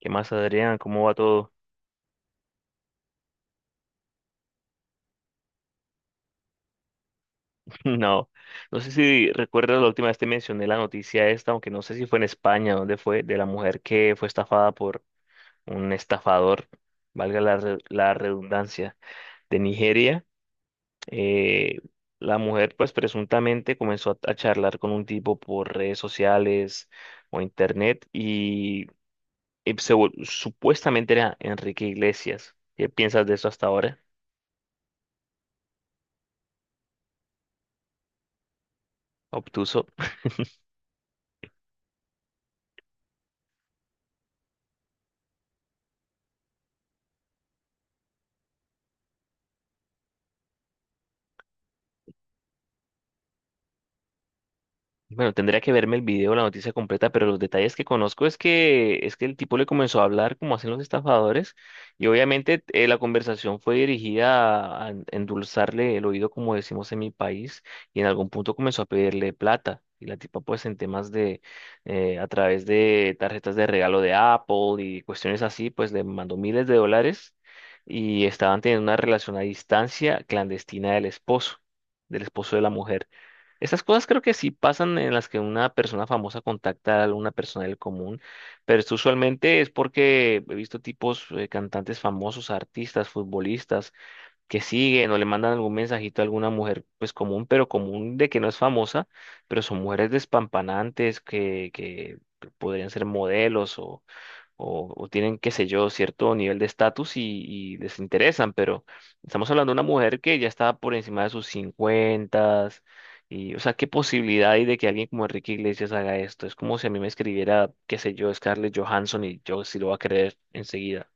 ¿Qué más, Adrián? ¿Cómo va todo? No, no sé si recuerdas la última vez te mencioné la noticia esta, aunque no sé si fue en España, ¿dónde fue? De la mujer que fue estafada por un estafador, la redundancia, de Nigeria. Eh, la mujer, pues presuntamente comenzó a charlar con un tipo por redes sociales o internet y supuestamente era Enrique Iglesias. ¿Qué piensas de eso hasta ahora? Obtuso. Bueno, tendría que verme el video, la noticia completa, pero los detalles que conozco es que el tipo le comenzó a hablar como hacen los estafadores y obviamente la conversación fue dirigida a endulzarle el oído, como decimos en mi país, y en algún punto comenzó a pedirle plata. Y la tipa pues en temas de, a través de tarjetas de regalo de Apple y cuestiones así, pues le mandó miles de dólares y estaban teniendo una relación a distancia clandestina del esposo de la mujer. Esas cosas creo que sí pasan en las que una persona famosa contacta a alguna persona del común, pero esto usualmente es porque he visto tipos cantantes famosos, artistas, futbolistas que siguen o le mandan algún mensajito a alguna mujer pues común, pero común de que no es famosa, pero son mujeres despampanantes que podrían ser modelos o tienen, qué sé yo, cierto nivel de estatus y les interesan, pero estamos hablando de una mujer que ya está por encima de sus cincuentas y, o sea, ¿qué posibilidad hay de que alguien como Enrique Iglesias haga esto? Es como si a mí me escribiera, qué sé yo, Scarlett Johansson y yo sí lo voy a creer enseguida.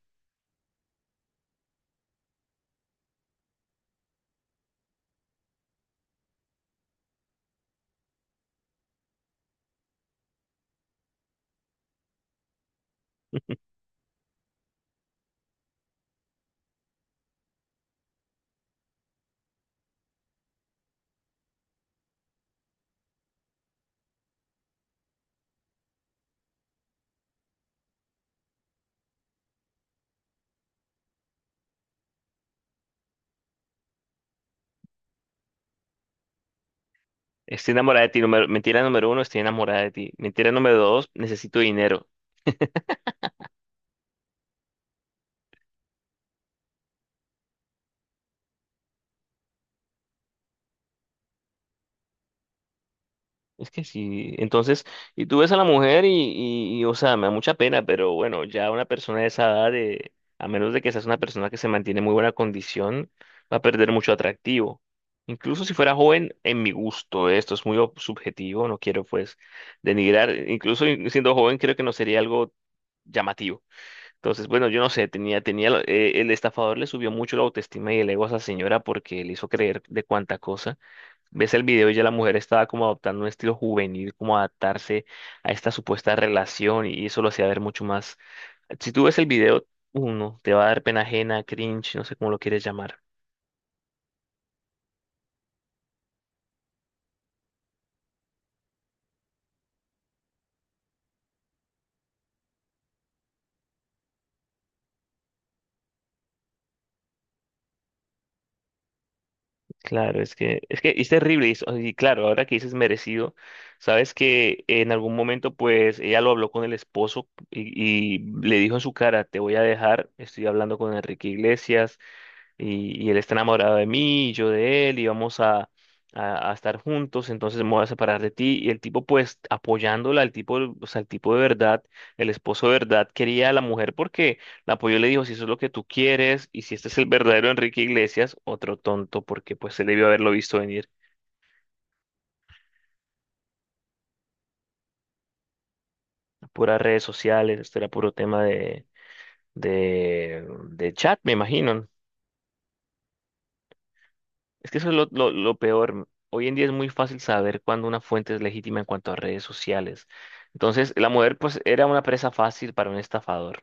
Estoy enamorada de ti, mentira número uno, estoy enamorada de ti. Mentira número dos, necesito dinero. Es que sí, entonces, y tú ves a la mujer y, o sea, me da mucha pena, pero bueno, ya una persona de esa edad, a menos de que seas una persona que se mantiene en muy buena condición, va a perder mucho atractivo. Incluso si fuera joven, en mi gusto, esto es muy subjetivo, no quiero pues denigrar, incluso siendo joven creo que no sería algo llamativo. Entonces, bueno, yo no sé, el estafador le subió mucho la autoestima y el ego a esa señora porque le hizo creer de cuánta cosa. Ves el video y ya la mujer estaba como adoptando un estilo juvenil, como adaptarse a esta supuesta relación y eso lo hacía ver mucho más. Si tú ves el video, uno, te va a dar pena ajena, cringe, no sé cómo lo quieres llamar. Claro, es que es terrible y claro, ahora que dices merecido, sabes que en algún momento pues ella lo habló con el esposo y le dijo en su cara, te voy a dejar, estoy hablando con Enrique Iglesias. Y y, él está enamorado de mí, y yo de él, y vamos a estar juntos, entonces me voy a separar de ti. Y el tipo, pues, apoyándola, el tipo, o sea, el tipo de verdad, el esposo de verdad, quería a la mujer porque la apoyó y le dijo, si eso es lo que tú quieres, y si este es el verdadero Enrique Iglesias, otro tonto, porque pues se debió haberlo visto venir. Puras redes sociales, esto era puro tema de... De, de chat, me imagino. ¿No? Es que eso es lo peor. Hoy en día es muy fácil saber cuándo una fuente es legítima en cuanto a redes sociales. Entonces, la mujer pues era una presa fácil para un estafador,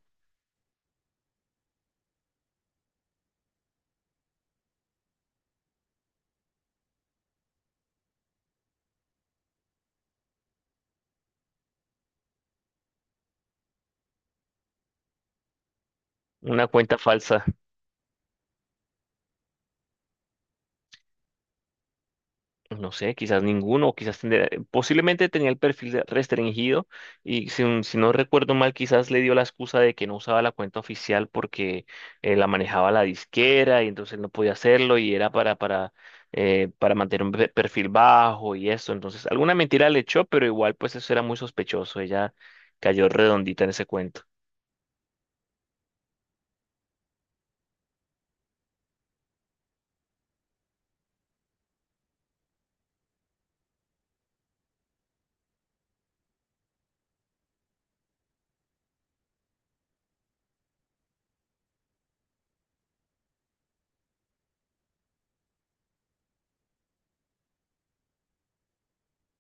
una cuenta falsa. No sé, quizás ninguno, o quizás posiblemente tenía restringido y si, si no recuerdo mal, quizás le dio la excusa de que no usaba la cuenta oficial porque la manejaba la disquera y entonces no podía hacerlo y era para mantener un perfil bajo y eso. Entonces, alguna mentira le echó, pero igual pues eso era muy sospechoso. Ella cayó redondita en ese cuento.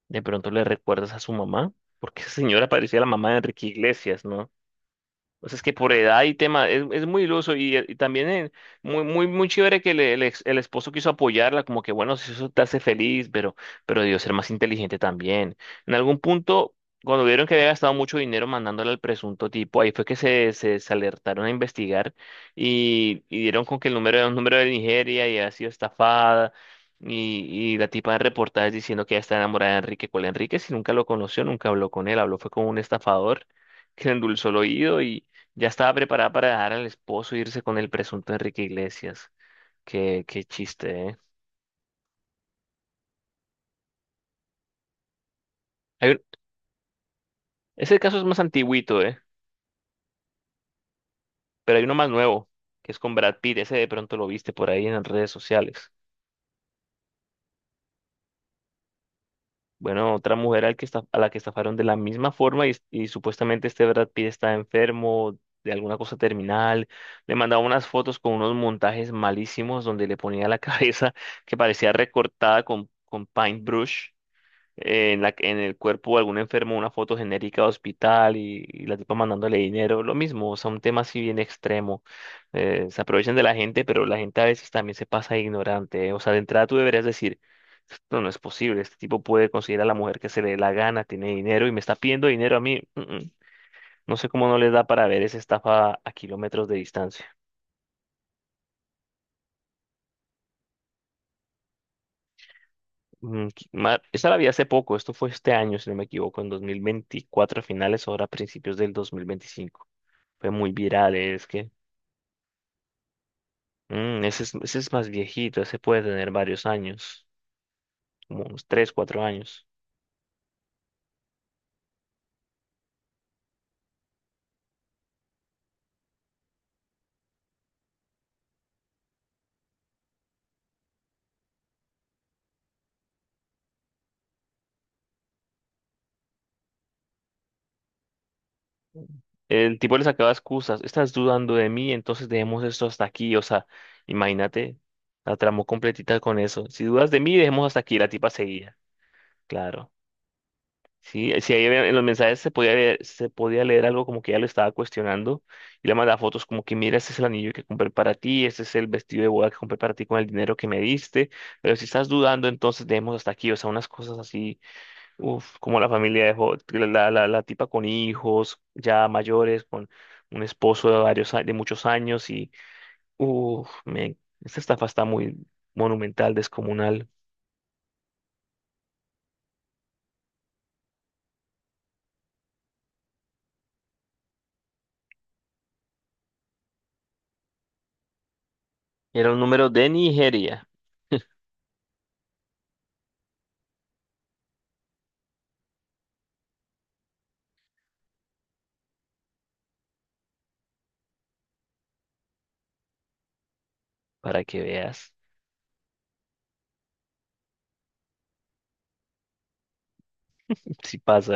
De pronto le recuerdas a su mamá, porque esa señora parecía la mamá de Enrique Iglesias, ¿no? O sea, es que por edad y tema, es muy iluso y también muy chévere que le- el, ex- el esposo quiso apoyarla, como que bueno, si eso te hace feliz, pero debió ser más inteligente también. En algún punto, cuando vieron que había gastado mucho dinero mandándole al presunto tipo, ahí fue que se alertaron a investigar y dieron con que el número era un número de Nigeria y había sido estafada. Y, y la tipa de reportajes diciendo que ella está enamorada de Enrique. ¿Cuál Enrique? Si nunca lo conoció, nunca habló con él, habló fue con un estafador que le endulzó el oído ya estaba preparada para dejar al esposo e irse con el presunto Enrique Iglesias. Qué, qué chiste, ¿eh? Hay un- Ese caso es más antiguito, ¿eh? Pero hay uno más nuevo, que es con Brad Pitt. Ese de pronto lo viste por ahí en las redes sociales. Bueno, otra mujer al que a la que estafaron de la misma forma y supuestamente este Brad Pitt está enfermo de alguna cosa terminal. Le mandaba unas fotos con unos montajes malísimos donde le ponía la cabeza que parecía recortada con paintbrush en el cuerpo de algún enfermo una foto genérica de hospital y la tipa mandándole dinero, lo mismo, o sea, un tema así bien extremo. Se aprovechan de la gente, pero la gente a veces también se pasa de ignorante, eh. O sea, de entrada tú deberías decir, esto no es posible, este tipo puede conseguir a la mujer que se le dé la gana, tiene dinero y me está pidiendo dinero a mí. Mm, mm. No sé cómo no les da para ver esa estafa a kilómetros de distancia. Esa la vi hace poco, esto fue este año, si no me equivoco, en 2024 a finales, ahora a principios del 2025. Fue muy viral, es que ese es más viejito, ese puede tener varios años, como unos 3 4 años. El tipo le sacaba excusas, estás dudando de mí, entonces dejemos esto hasta aquí, o sea, imagínate, la tramó completita con eso. Si dudas de mí, dejemos hasta aquí, la tipa seguía, claro. Sí, sí, en los mensajes se podía leer algo como que ella lo estaba cuestionando y le mandaba fotos como que mira, este es el anillo que compré para ti, este es el vestido de boda que compré para ti con el dinero que me diste, pero si estás dudando, entonces dejemos hasta aquí, o sea, unas cosas así, uf, como la familia dejó, la tipa con hijos ya mayores, con un esposo de de muchos años uff, men, esta estafa está muy monumental, descomunal. Era un número de Nigeria, para que veas si pasa.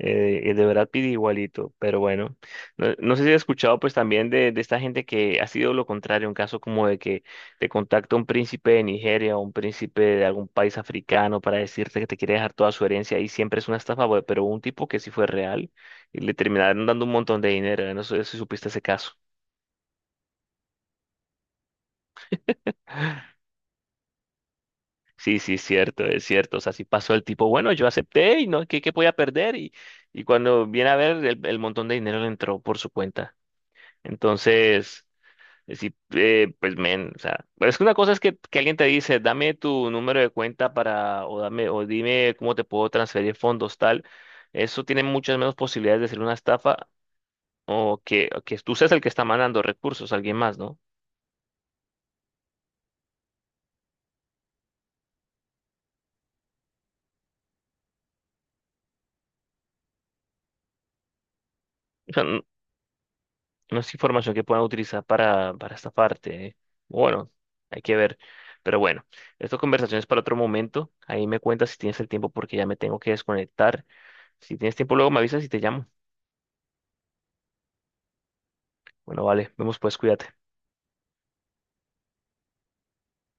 El de Brad Pitt igualito, pero bueno, no, no sé si has escuchado pues también de esta gente que ha sido lo contrario, un caso como de que te contacta un príncipe de Nigeria o un príncipe de algún país africano para decirte que te quiere dejar toda su herencia y siempre es una estafa, pero hubo un tipo que sí fue real y le terminaron dando un montón de dinero, no. No sé si supiste ese caso. Sí, sí, es cierto, es cierto. O sea, si pasó el tipo, bueno, yo acepté y no, ¿qué, qué podía perder? Y cuando viene a ver, el montón de dinero le entró por su cuenta. Entonces, sí, pues men, o sea, pero es que una cosa es que alguien te dice, dame tu número de cuenta para, o dame, o dime cómo te puedo transferir fondos, tal. Eso tiene muchas menos posibilidades de ser una estafa o que tú seas el que está mandando recursos a alguien más, ¿no? O sea, no, no es información que puedan utilizar para estafarte, ¿eh? Bueno, hay que ver. Pero bueno, esta conversación es para otro momento. Ahí me cuentas si tienes el tiempo porque ya me tengo que desconectar. Si tienes tiempo, luego me avisas y te llamo. Bueno, vale, vemos pues, cuídate.